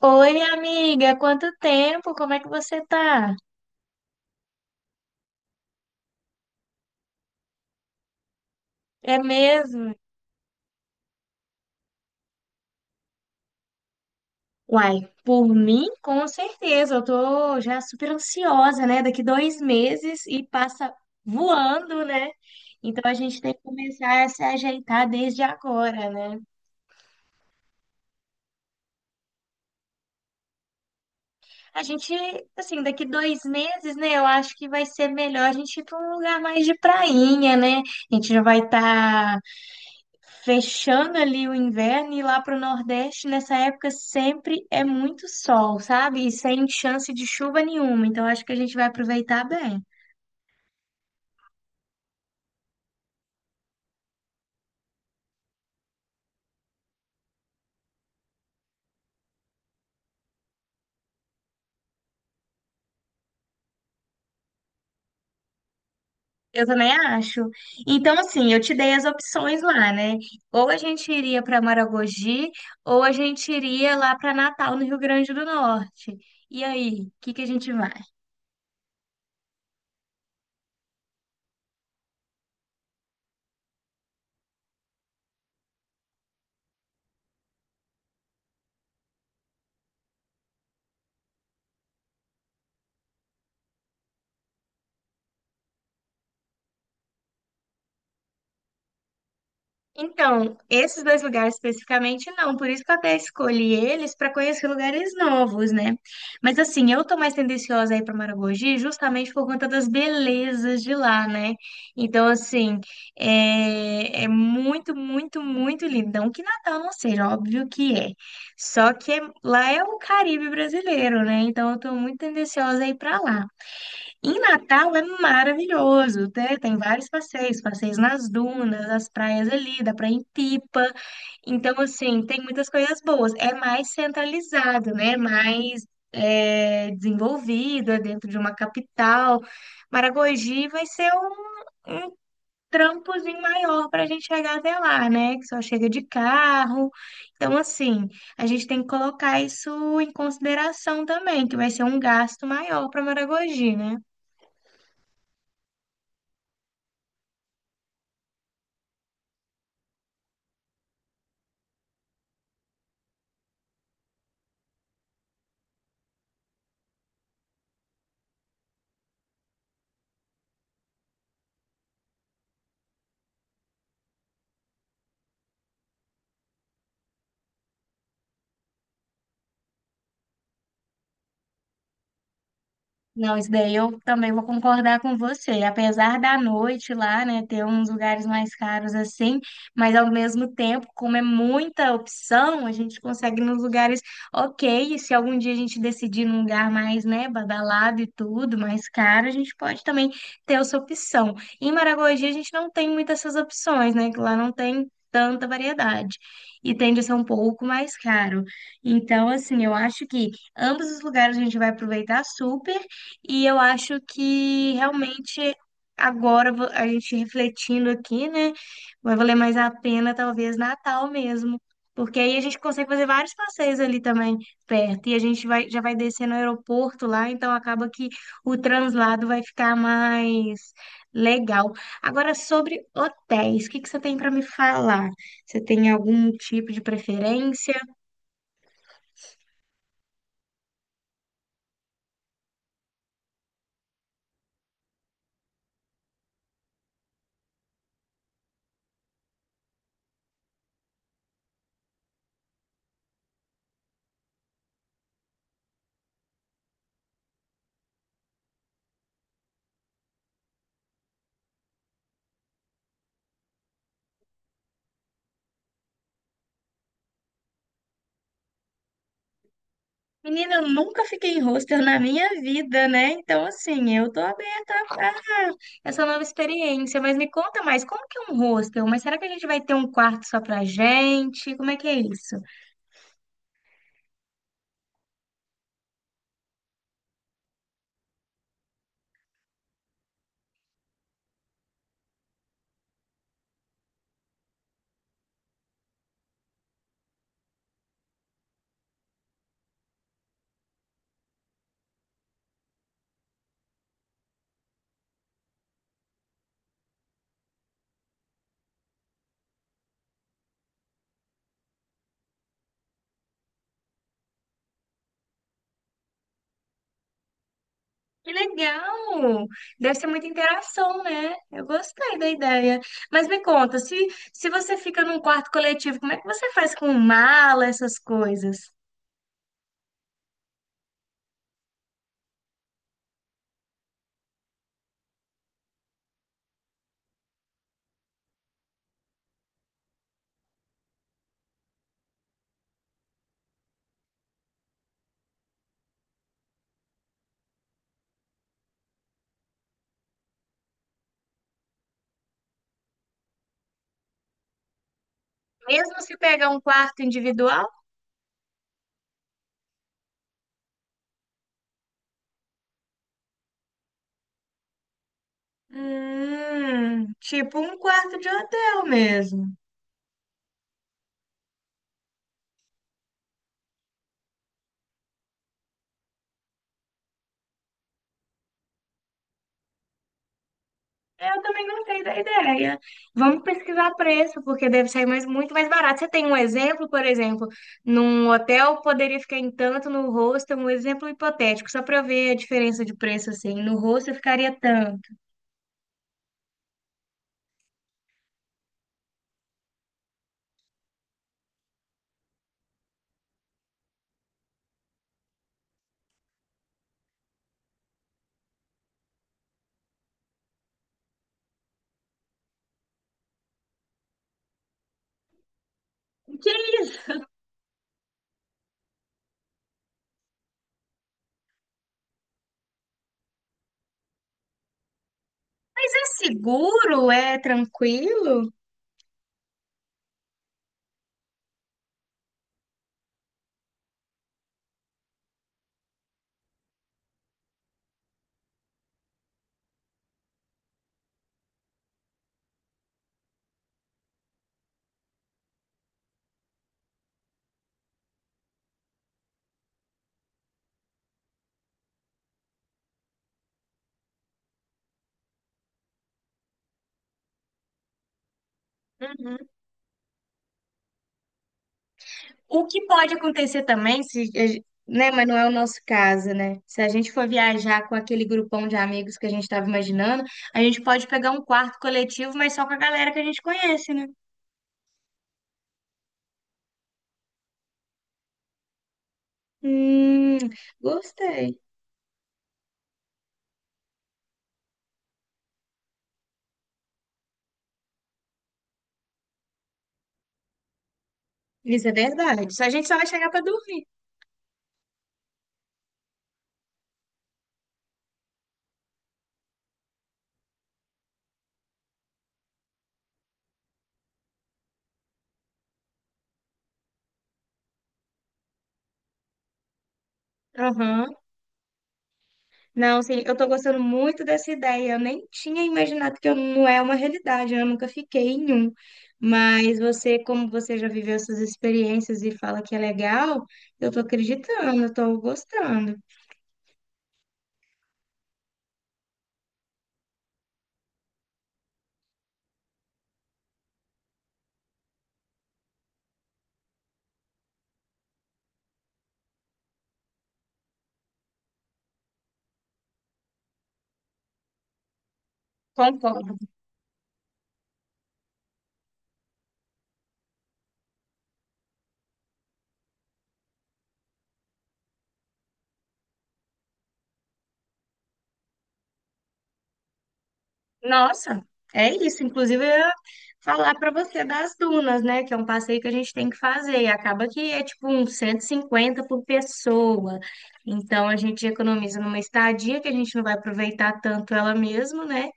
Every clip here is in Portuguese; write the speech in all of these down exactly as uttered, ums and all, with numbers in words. Oi, minha amiga, quanto tempo? Como é que você tá? É mesmo? Uai, por mim, com certeza. Eu tô já super ansiosa, né? Daqui dois meses e passa voando, né? Então a gente tem que começar a se ajeitar desde agora, né? A gente, assim, daqui dois meses, né? Eu acho que vai ser melhor a gente ir para um lugar mais de prainha, né? A gente já vai estar fechando ali o inverno e lá para o Nordeste, nessa época sempre é muito sol, sabe? E sem chance de chuva nenhuma. Então acho que a gente vai aproveitar bem. Eu também acho. Então, assim, eu te dei as opções lá, né? Ou a gente iria para Maragogi, ou a gente iria lá para Natal, no Rio Grande do Norte. E aí, o que que a gente vai? Então, esses dois lugares especificamente não, por isso que eu até escolhi eles para conhecer lugares novos, né? Mas assim, eu tô mais tendenciosa aí para Maragogi justamente por conta das belezas de lá, né? Então, assim, é, é muito, muito, muito lindo. Não que Natal não seja, óbvio que é. Só que é- lá é o Caribe brasileiro, né? Então, eu tô muito tendenciosa aí para lá. Em Natal é maravilhoso, né? Tem vários passeios, passeios nas dunas, as praias ali, dá pra ir em Pipa. Então, assim, tem muitas coisas boas. É mais centralizado, né? Mais é, desenvolvido, é dentro de uma capital. Maragogi vai ser um trampozinho maior para a gente chegar até lá, né? Que só chega de carro. Então, assim, a gente tem que colocar isso em consideração também, que vai ser um gasto maior para Maragogi, né? Não, isso daí eu também vou concordar com você. Apesar da noite lá, né, ter uns lugares mais caros assim, mas ao mesmo tempo, como é muita opção, a gente consegue ir nos lugares ok. E se algum dia a gente decidir num lugar mais, né, badalado e tudo, mais caro, a gente pode também ter essa opção. Em Maragogi a gente não tem muitas essas opções, né, que lá não tem tanta variedade e tende a ser um pouco mais caro. Então, assim, eu acho que ambos os lugares a gente vai aproveitar super. E eu acho que realmente agora vo- a gente refletindo aqui, né, vai valer mais a pena talvez Natal mesmo, porque aí a gente consegue fazer vários passeios ali também perto e a gente vai já vai descer no aeroporto lá, então acaba que o translado vai ficar mais legal. Agora sobre hotéis, o que que você tem para me falar? Você tem algum tipo de preferência? Menina, eu nunca fiquei em hostel na minha vida, né? Então, assim, eu tô aberta a a essa nova experiência. Mas me conta mais, como que é um hostel? Mas será que a gente vai ter um quarto só pra gente? Como é que é isso? Que legal! Deve ser muita interação, né? Eu gostei da ideia. Mas me conta, se, se você fica num quarto coletivo, como é que você faz com mala, essas coisas? Mesmo se pegar um quarto individual? Hum, tipo um quarto de hotel mesmo. Eu também gostei da ideia. Vamos pesquisar preço, porque deve sair mais, muito mais barato. Você tem um exemplo, por exemplo, num hotel poderia ficar em tanto, no hostel, um exemplo hipotético, só para eu ver a diferença de preço, assim. No hostel ficaria tanto. Que isso? Mas é seguro? É tranquilo? Uhum. O que pode acontecer também, se, a gen- né, mas não é o nosso caso, né? Se a gente for viajar com aquele grupão de amigos que a gente estava imaginando, a gente pode pegar um quarto coletivo, mas só com a galera que a gente conhece, né? Hum, gostei. Isso é verdade. Só a gente só vai chegar para dormir. Aham. Não, sim, eu tô gostando muito dessa ideia. Eu nem tinha imaginado que eu não é uma realidade, eu nunca fiquei em um. Mas você, como você já viveu essas experiências e fala que é legal, eu tô acreditando, eu tô gostando. Concordo. Nossa, é isso. Inclusive, eu ia falar para você das dunas, né? Que é um passeio que a gente tem que fazer. E acaba que é tipo uns cento e cinquenta por pessoa. Então, a gente economiza numa estadia que a gente não vai aproveitar tanto ela mesmo, né?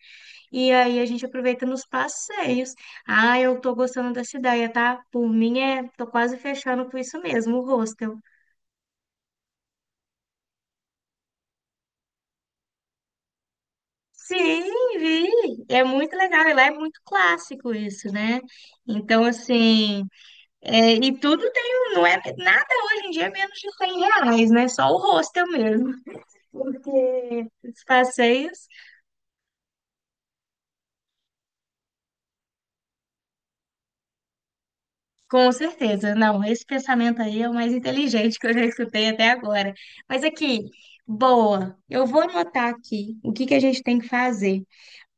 E aí a gente aproveita nos passeios. Ah, eu tô gostando da ideia, tá? Por mim, é. Tô quase fechando com isso mesmo, o hostel. Sim, vi. É muito legal. E lá é muito clássico isso, né? Então, assim. É, e tudo tem, um- não é nada hoje em dia é menos de cem reais, né? Só o hostel mesmo. Porque os passeios, com certeza. Não, esse pensamento aí é o mais inteligente que eu já escutei até agora. Mas aqui, boa, eu vou anotar aqui o que que a gente tem que fazer.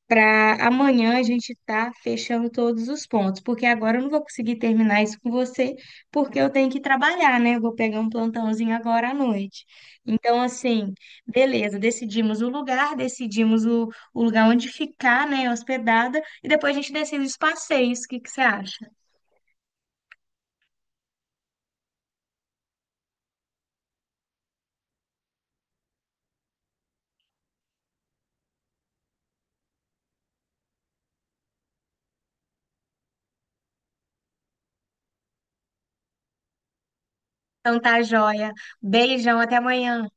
Para amanhã a gente tá fechando todos os pontos, porque agora eu não vou conseguir terminar isso com você, porque eu tenho que trabalhar, né? Eu vou pegar um plantãozinho agora à noite. Então, assim, beleza, decidimos o lugar, decidimos o, o lugar onde ficar, né, hospedada, e depois a gente decide os passeios. O que que você acha? Então tá, joia. Beijão, até amanhã.